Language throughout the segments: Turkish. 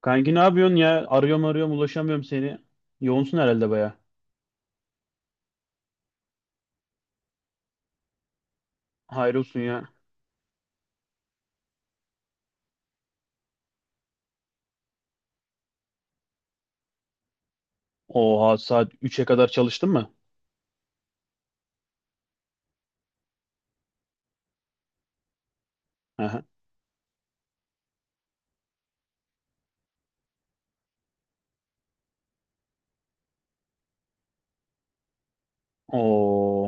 Kanki ne yapıyorsun ya? Arıyorum arıyorum ulaşamıyorum seni. Yoğunsun herhalde baya. Hayrolsun ya. Oha saat 3'e kadar çalıştın mı? Aha. Oo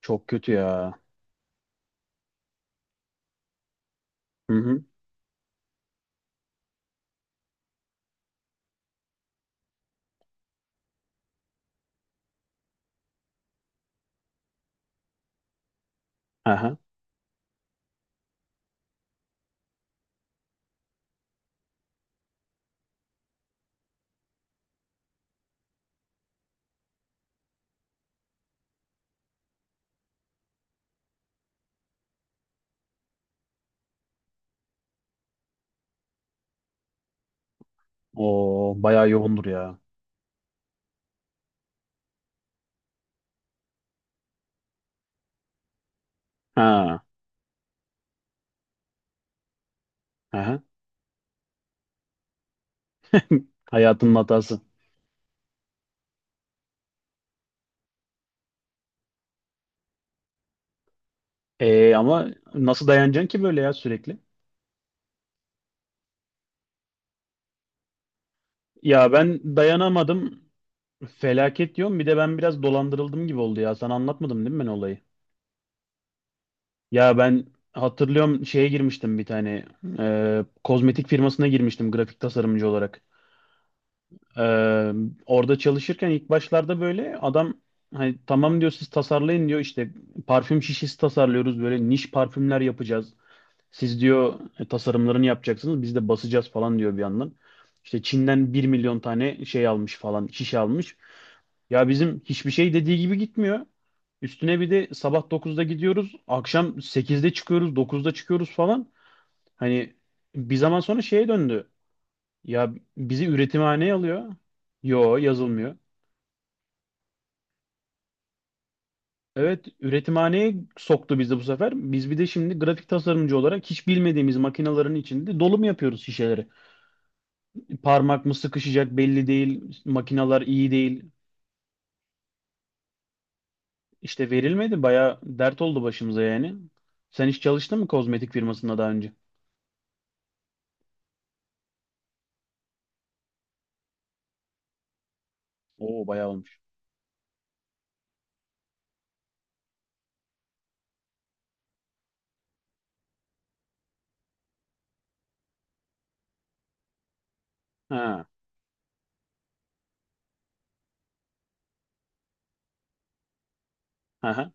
çok kötü ya. Hı hı. Aha. Oo baya yoğundur ya. Ha. Aha. Hayatın hatası. Ama nasıl dayanacaksın ki böyle ya sürekli? Ya ben dayanamadım. Felaket diyorum. Bir de ben biraz dolandırıldım gibi oldu ya. Sana anlatmadım değil mi ben olayı? Ya ben hatırlıyorum, şeye girmiştim bir tane kozmetik firmasına girmiştim grafik tasarımcı olarak. E, orada çalışırken ilk başlarda böyle adam hani tamam diyor, siz tasarlayın diyor, işte parfüm şişesi tasarlıyoruz, böyle niş parfümler yapacağız. Siz diyor tasarımlarını yapacaksınız, biz de basacağız falan diyor bir yandan. İşte Çin'den 1 milyon tane şey almış falan, şişe almış. Ya bizim hiçbir şey dediği gibi gitmiyor. Üstüne bir de sabah 9'da gidiyoruz, akşam 8'de çıkıyoruz, 9'da çıkıyoruz falan. Hani bir zaman sonra şeye döndü. Ya bizi üretimhaneye alıyor. Yo, yazılmıyor. Evet, üretimhaneye soktu bizi bu sefer. Biz bir de şimdi grafik tasarımcı olarak hiç bilmediğimiz makinelerin içinde dolum yapıyoruz şişeleri. Parmak mı sıkışacak belli değil. Makineler iyi değil. İşte verilmedi. Baya dert oldu başımıza yani. Sen hiç çalıştın mı kozmetik firmasında daha önce? Oo bayağı olmuş. Ha. Ha.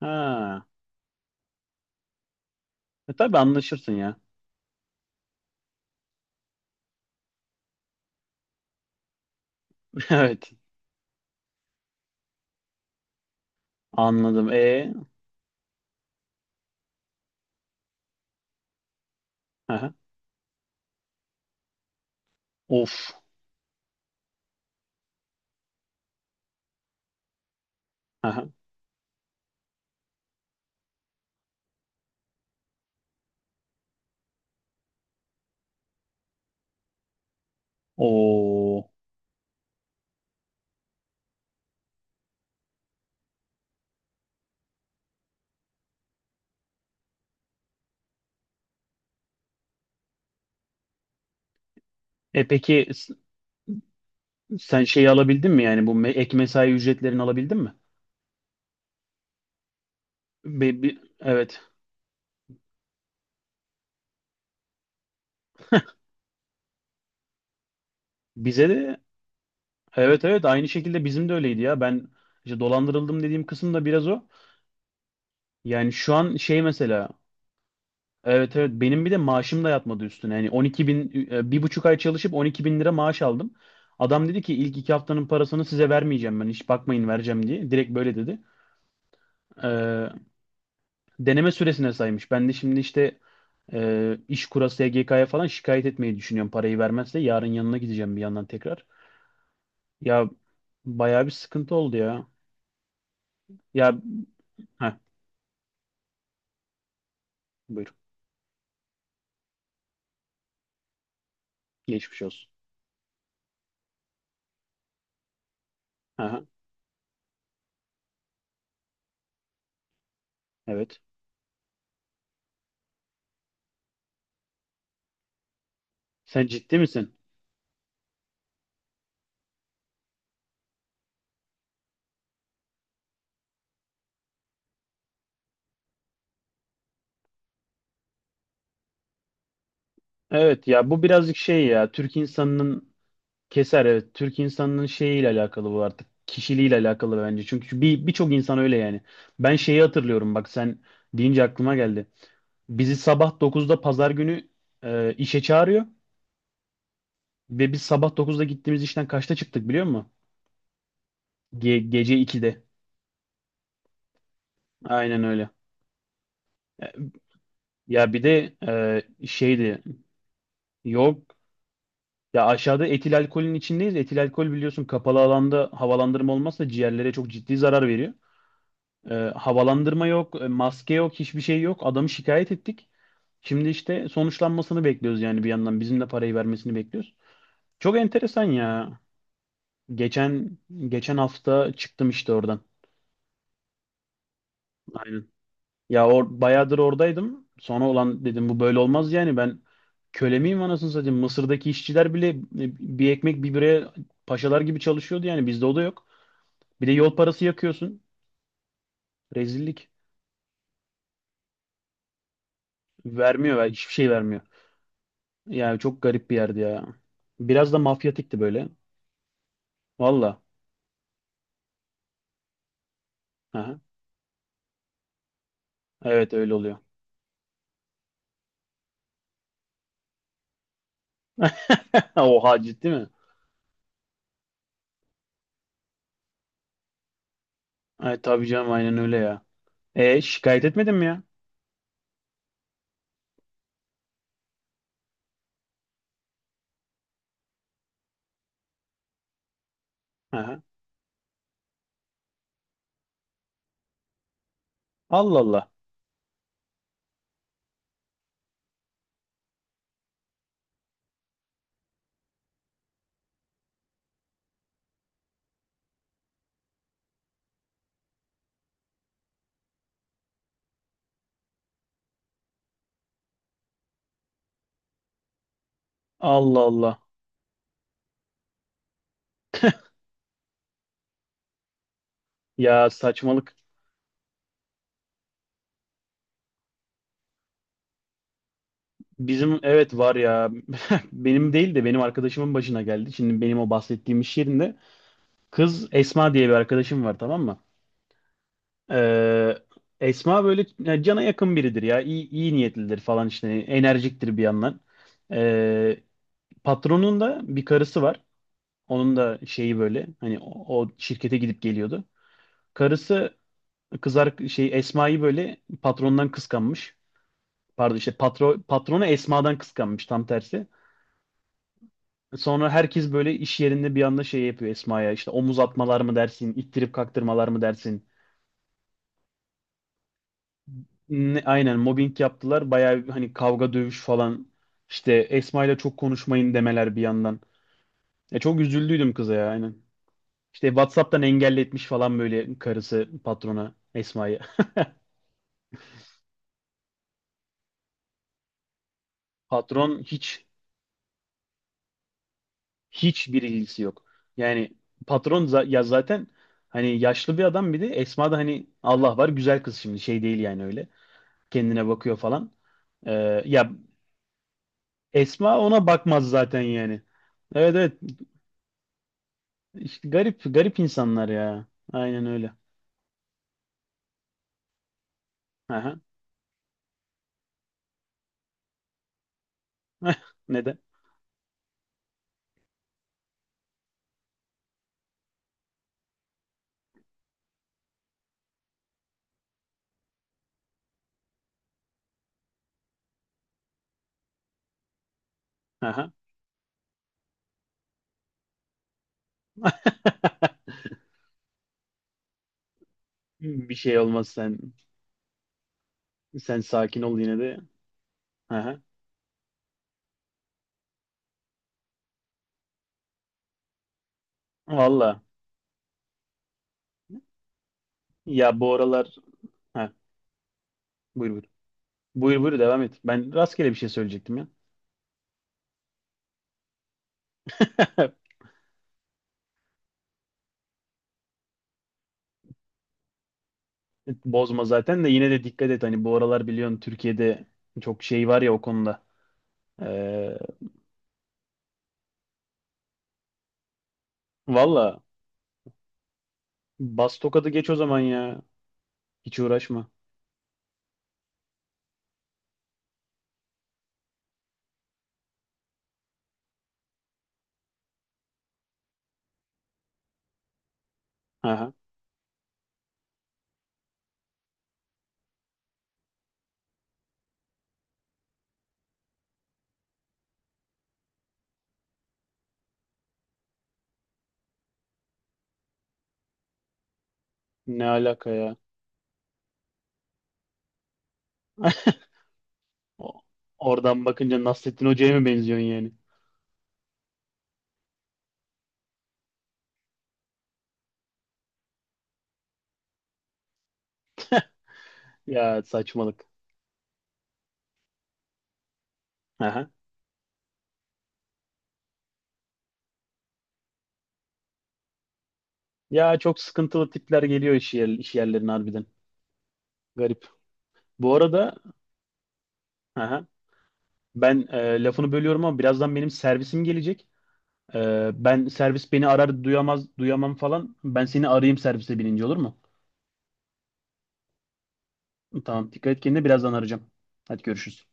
Ha. E tabii anlaşırsın ya. Evet. Anladım. E. Ha. Of. Ha. Oo. E peki sen şeyi alabildin mi, yani bu ek mesai ücretlerini alabildin mi? Evet. Bize de evet, evet aynı şekilde bizim de öyleydi ya. Ben işte dolandırıldım dediğim kısım da biraz o. Yani şu an şey mesela evet, evet benim bir de maaşım da yatmadı üstüne. Yani 12 bin 1,5 ay çalışıp 12 bin lira maaş aldım. Adam dedi ki ilk 2 haftanın parasını size vermeyeceğim ben, hiç bakmayın vereceğim diye. Direkt böyle dedi. Ee, deneme süresine saymış. Ben de şimdi işte İşkur'a, SGK'ya falan şikayet etmeyi düşünüyorum parayı vermezse. Yarın yanına gideceğim bir yandan tekrar. Ya bayağı bir sıkıntı oldu ya. Ya, ha buyur. Geçmiş olsun. Aha, evet. Sen ciddi misin? Evet ya bu birazcık şey ya, Türk insanının... Keser, evet. Türk insanının şeyiyle alakalı bu artık. Kişiliğiyle alakalı bence. Çünkü birçok insan öyle yani. Ben şeyi hatırlıyorum, bak sen deyince aklıma geldi. Bizi sabah 9'da pazar günü işe çağırıyor ve biz sabah 9'da gittiğimiz işten kaçta çıktık biliyor musun? Gece 2'de. Aynen öyle. E, Ya bir de şeydi, yok ya, aşağıda etil alkolün içindeyiz. Etil alkol biliyorsun, kapalı alanda havalandırma olmazsa ciğerlere çok ciddi zarar veriyor. Havalandırma yok, maske yok, hiçbir şey yok. Adamı şikayet ettik. Şimdi işte sonuçlanmasını bekliyoruz yani bir yandan. Bizim de parayı vermesini bekliyoruz. Çok enteresan ya. Geçen geçen hafta çıktım işte oradan. Aynen. Ya bayağıdır oradaydım. Sonra olan dedim bu böyle olmaz yani, ben köle miyim anasını satayım. Mısır'daki işçiler bile bir ekmek bir bire paşalar gibi çalışıyordu, yani bizde o da yok. Bir de yol parası yakıyorsun. Rezillik. Vermiyor, hiçbir şey vermiyor. Yani çok garip bir yerdi ya. Biraz da mafyatikti böyle. Valla. Aha. Evet öyle oluyor. Oha, ciddi mi? Ay, tabii canım, aynen öyle ya. E şikayet etmedin mi ya? Aha. Allah Allah. Allah Allah. Ya saçmalık. Bizim evet var ya. Benim değil de benim arkadaşımın başına geldi. Şimdi benim o bahsettiğim iş yerinde kız Esma diye bir arkadaşım var, tamam mı? Ee, Esma böyle ya, cana yakın biridir ya. İyi, iyi niyetlidir falan işte. Enerjiktir bir yandan. Ee, patronun da bir karısı var. Onun da şeyi böyle, hani o, o şirkete gidip geliyordu. Karısı kızar şey Esma'yı böyle patrondan kıskanmış. Pardon, işte patronu Esma'dan kıskanmış tam tersi. Sonra herkes böyle iş yerinde bir anda şey yapıyor Esma'ya, işte omuz atmalar mı dersin, ittirip kaktırmalar mı dersin, aynen mobbing yaptılar. Bayağı hani kavga dövüş falan. İşte Esma ile çok konuşmayın demeler bir yandan. Ya çok üzüldüydüm kıza ya, aynen. İşte WhatsApp'tan engelletmiş falan böyle karısı patrona Esma'yı. Patron hiç, bir ilgisi yok. Yani patron ya zaten hani yaşlı bir adam, bir de Esma da hani Allah var güzel kız, şimdi şey değil yani öyle. Kendine bakıyor falan. Ee, ya Esma ona bakmaz zaten yani. Evet, evet, İşte garip garip insanlar ya. Aynen öyle. Aha. Neden? Aha. Bir şey olmaz sen. Sen sakin ol yine de. Aha. Valla. Ya bu aralar, ha buyur buyur. Buyur buyur, devam et. Ben rastgele bir şey söyleyecektim ya. Bozma zaten de yine de dikkat et. Hani bu aralar biliyorsun Türkiye'de çok şey var ya o konuda. Ee, valla bas tokadı geç o zaman ya. Hiç uğraşma. Aha. Ne alaka ya? O- Oradan bakınca Nasrettin Hoca'ya mı benziyorsun yani? Ya saçmalık. Aha. Ya çok sıkıntılı tipler geliyor iş yerlerine harbiden. Garip. Bu arada aha, ben lafını bölüyorum ama birazdan benim servisim gelecek. Ben servis beni arar duyamam falan. Ben seni arayayım servise binince, olur mu? Tamam, dikkat et kendine, birazdan arayacağım. Hadi görüşürüz.